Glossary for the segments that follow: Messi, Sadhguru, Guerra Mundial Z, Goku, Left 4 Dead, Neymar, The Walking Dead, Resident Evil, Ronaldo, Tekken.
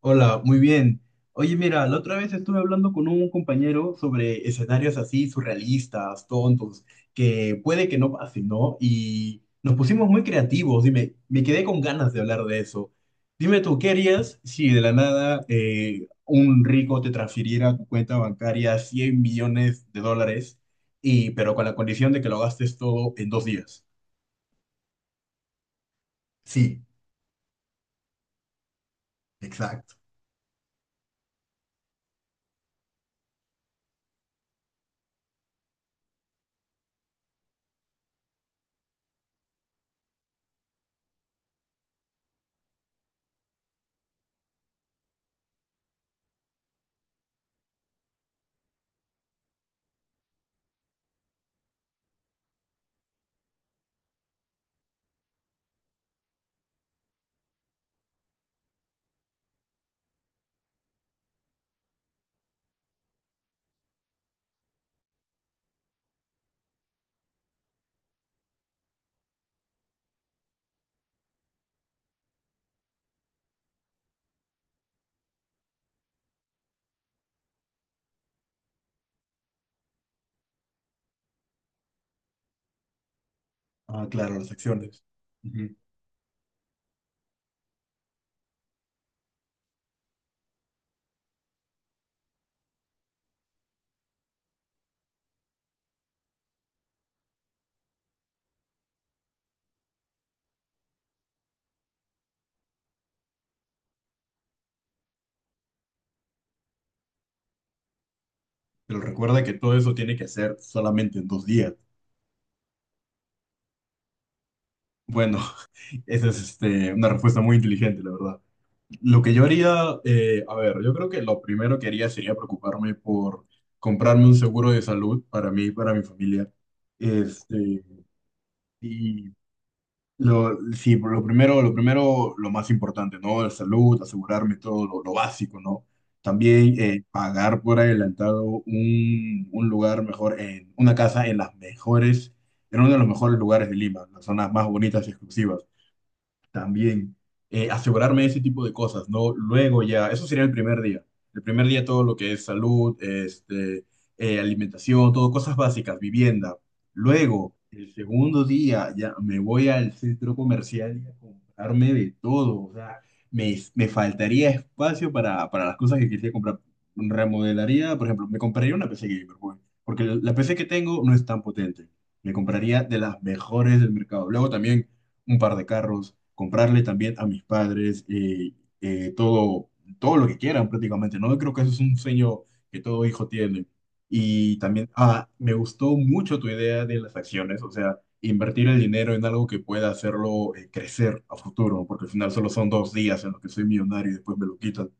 Hola, muy bien. Oye, mira, la otra vez estuve hablando con un compañero sobre escenarios así surrealistas, tontos, que puede que no pasen, ¿no? Y nos pusimos muy creativos, dime, me quedé con ganas de hablar de eso. Dime tú, ¿qué harías si de la nada un rico te transfiriera a tu cuenta bancaria 100 millones de dólares, y, pero con la condición de que lo gastes todo en dos días? Sí, exacto. Ah, claro, las acciones. Pero recuerda que todo eso tiene que hacer solamente en dos días. Bueno, esa es este, una respuesta muy inteligente, la verdad. Lo que yo haría, a ver, yo creo que lo primero que haría sería preocuparme por comprarme un seguro de salud para mí y para mi familia. Este, y lo, sí, por lo primero, lo primero, lo más importante, ¿no? La salud, asegurarme todo lo básico, ¿no? También pagar por adelantado un lugar mejor, en, una casa en las mejores, en uno de los mejores lugares de Lima, las zonas más bonitas y exclusivas también asegurarme ese tipo de cosas, ¿no? Luego ya, eso sería el primer día. El primer día todo lo que es salud, este, alimentación, todo, cosas básicas, vivienda. Luego, el segundo día ya me voy al centro comercial y a comprarme de todo, o sea, me faltaría espacio para las cosas que quisiera comprar. Remodelaría, por ejemplo, me compraría una PC gamer, güey, porque la PC que tengo no es tan potente. Me compraría de las mejores del mercado. Luego también un par de carros, comprarle también a mis padres todo, todo lo que quieran prácticamente, ¿no? Creo que eso es un sueño que todo hijo tiene. Y también, ah, me gustó mucho tu idea de las acciones, o sea, invertir el dinero en algo que pueda hacerlo crecer a futuro, porque al final solo son dos días en los que soy millonario y después me lo quitan.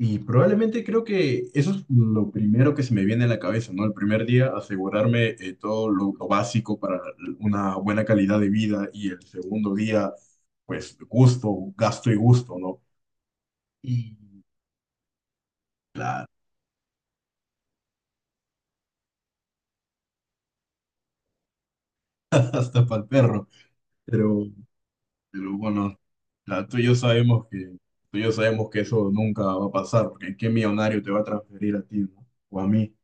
Y probablemente creo que eso es lo primero que se me viene a la cabeza, ¿no? El primer día, asegurarme todo lo básico para una buena calidad de vida y el segundo día, pues gusto, gasto y gusto, ¿no? Y claro, hasta para el perro, pero, pero bueno, tú y yo sabemos que, tú y yo sabemos que eso nunca va a pasar, porque ¿qué millonario te va a transferir a ti, ¿no? O a mí.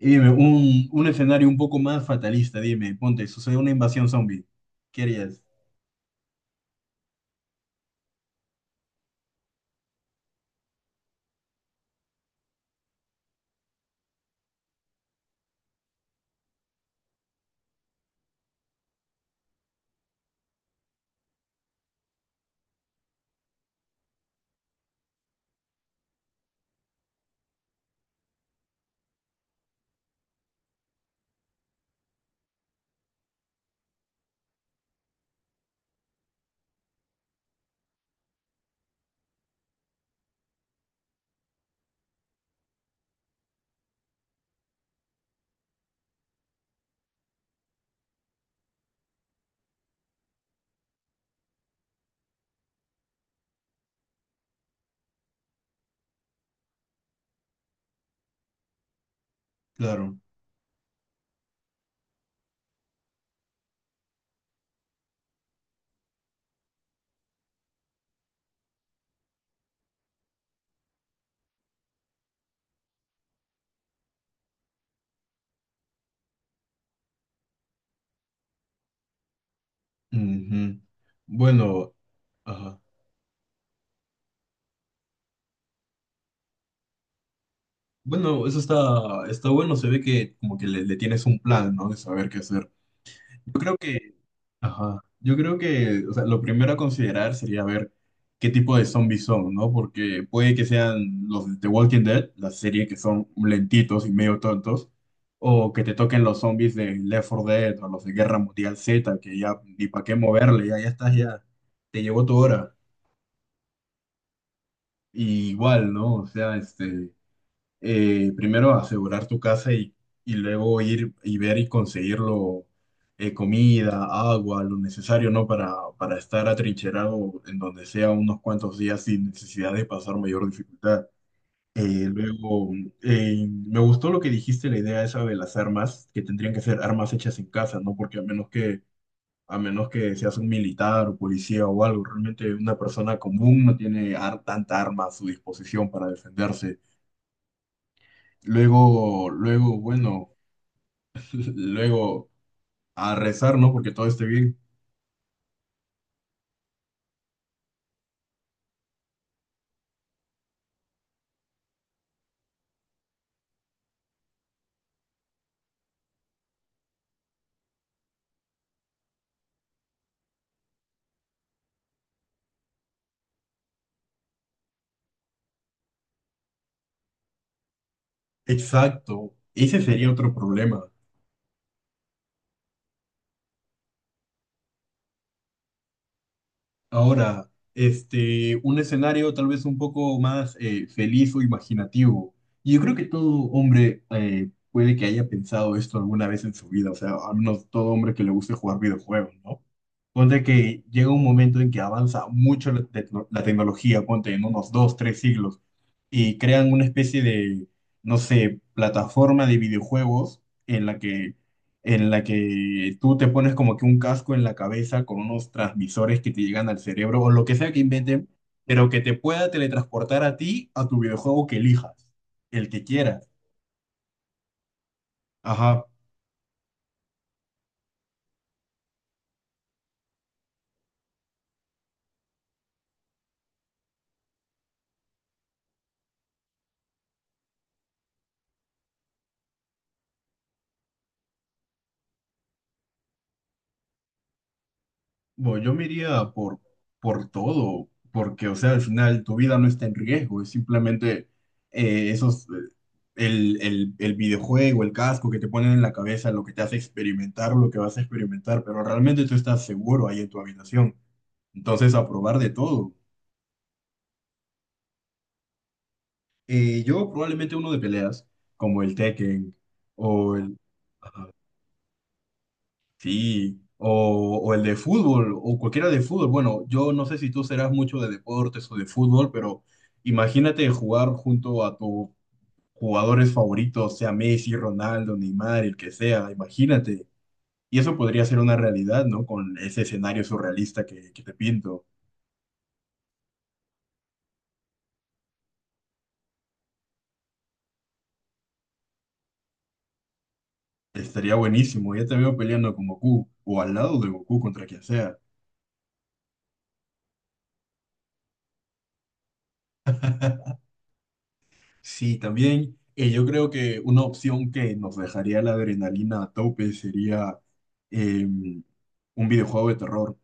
Y dime, un escenario un poco más fatalista, dime, ponte, sucede una invasión zombie, ¿qué harías? Claro. Ujú. Bueno, ajá. Bueno, eso está, está bueno. Se ve que como que le tienes un plan, ¿no? De saber qué hacer. Yo creo que, ajá. Yo creo que, o sea, lo primero a considerar sería ver qué tipo de zombies son, ¿no? Porque puede que sean los de The Walking Dead, la serie que son lentitos y medio tontos, o que te toquen los zombies de Left 4 Dead o los de Guerra Mundial Z, que ya ni para qué moverle, ya, ya estás, ya te llegó tu hora. Y igual, ¿no? O sea, este. Primero asegurar tu casa y luego ir y ver y conseguirlo comida, agua, lo necesario, ¿no? Para estar atrincherado en donde sea unos cuantos días sin necesidad de pasar mayor dificultad. Luego, me gustó lo que dijiste, la idea esa de las armas, que tendrían que ser armas hechas en casa, ¿no? Porque a menos que seas un militar o policía o algo, realmente una persona común no tiene tanta arma a su disposición para defenderse. Luego, luego, bueno, luego a rezar, ¿no? Porque todo esté bien. Exacto. Ese sería otro problema. Ahora, este, un escenario tal vez un poco más feliz o imaginativo. Y yo creo que todo hombre puede que haya pensado esto alguna vez en su vida, o sea, al menos todo hombre que le guste jugar videojuegos, ¿no? Ponte que llega un momento en que avanza mucho la, la tecnología, ponte en unos dos, tres siglos, y crean una especie de, no sé, plataforma de videojuegos en la que en la que tú te pones como que un casco en la cabeza con unos transmisores que te llegan al cerebro o lo que sea que inventen, pero que te pueda teletransportar a ti, a tu videojuego que elijas, el que quieras. Ajá, bueno, yo me iría por todo, porque, o sea, al final tu vida no está en riesgo, es simplemente eh, esos... eh, el, el videojuego, el casco que te ponen en la cabeza, lo que te hace experimentar, lo que vas a experimentar, pero realmente tú estás seguro ahí en tu habitación. Entonces, a probar de todo. Yo probablemente uno de peleas, como el Tekken, o el, ajá, sí, o el de fútbol, o cualquiera de fútbol. Bueno, yo no sé si tú serás mucho de deportes o de fútbol, pero imagínate jugar junto a tus jugadores favoritos, sea Messi, Ronaldo, Neymar, el que sea, imagínate. Y eso podría ser una realidad, ¿no? Con ese escenario surrealista que te pinto. Estaría buenísimo. Ya te veo peleando con Goku, o al lado de Goku contra quien sea. Sí, también yo creo que una opción que nos dejaría la adrenalina a tope sería un videojuego de terror.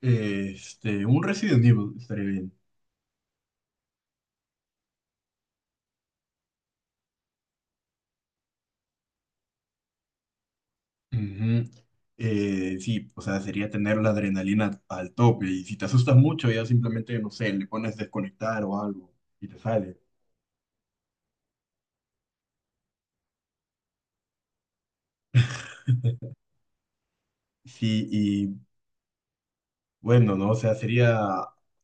Este, un Resident Evil estaría bien. Ujú. Sí, o sea, sería tener la adrenalina al tope y si te asustas mucho ya simplemente, no sé, le pones desconectar o algo y te sale. Sí, bueno, ¿no?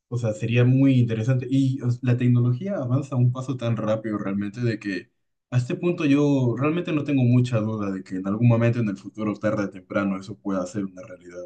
O sea, sería muy interesante. Y o sea, la tecnología avanza a un paso tan rápido realmente de que a este punto yo realmente no tengo mucha duda de que en algún momento en el futuro, tarde o temprano, eso pueda ser una realidad.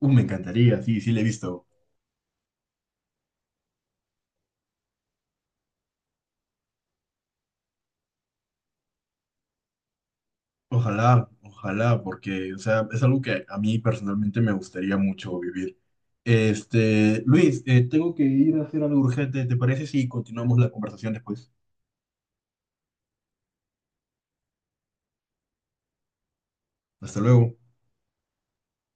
Me encantaría, sí, sí, le he visto. Ojalá, ojalá, porque, o sea, es algo que a mí personalmente me gustaría mucho vivir. Este, Luis, tengo que ir a hacer algo urgente. ¿Te parece si continuamos la conversación después? Hasta luego.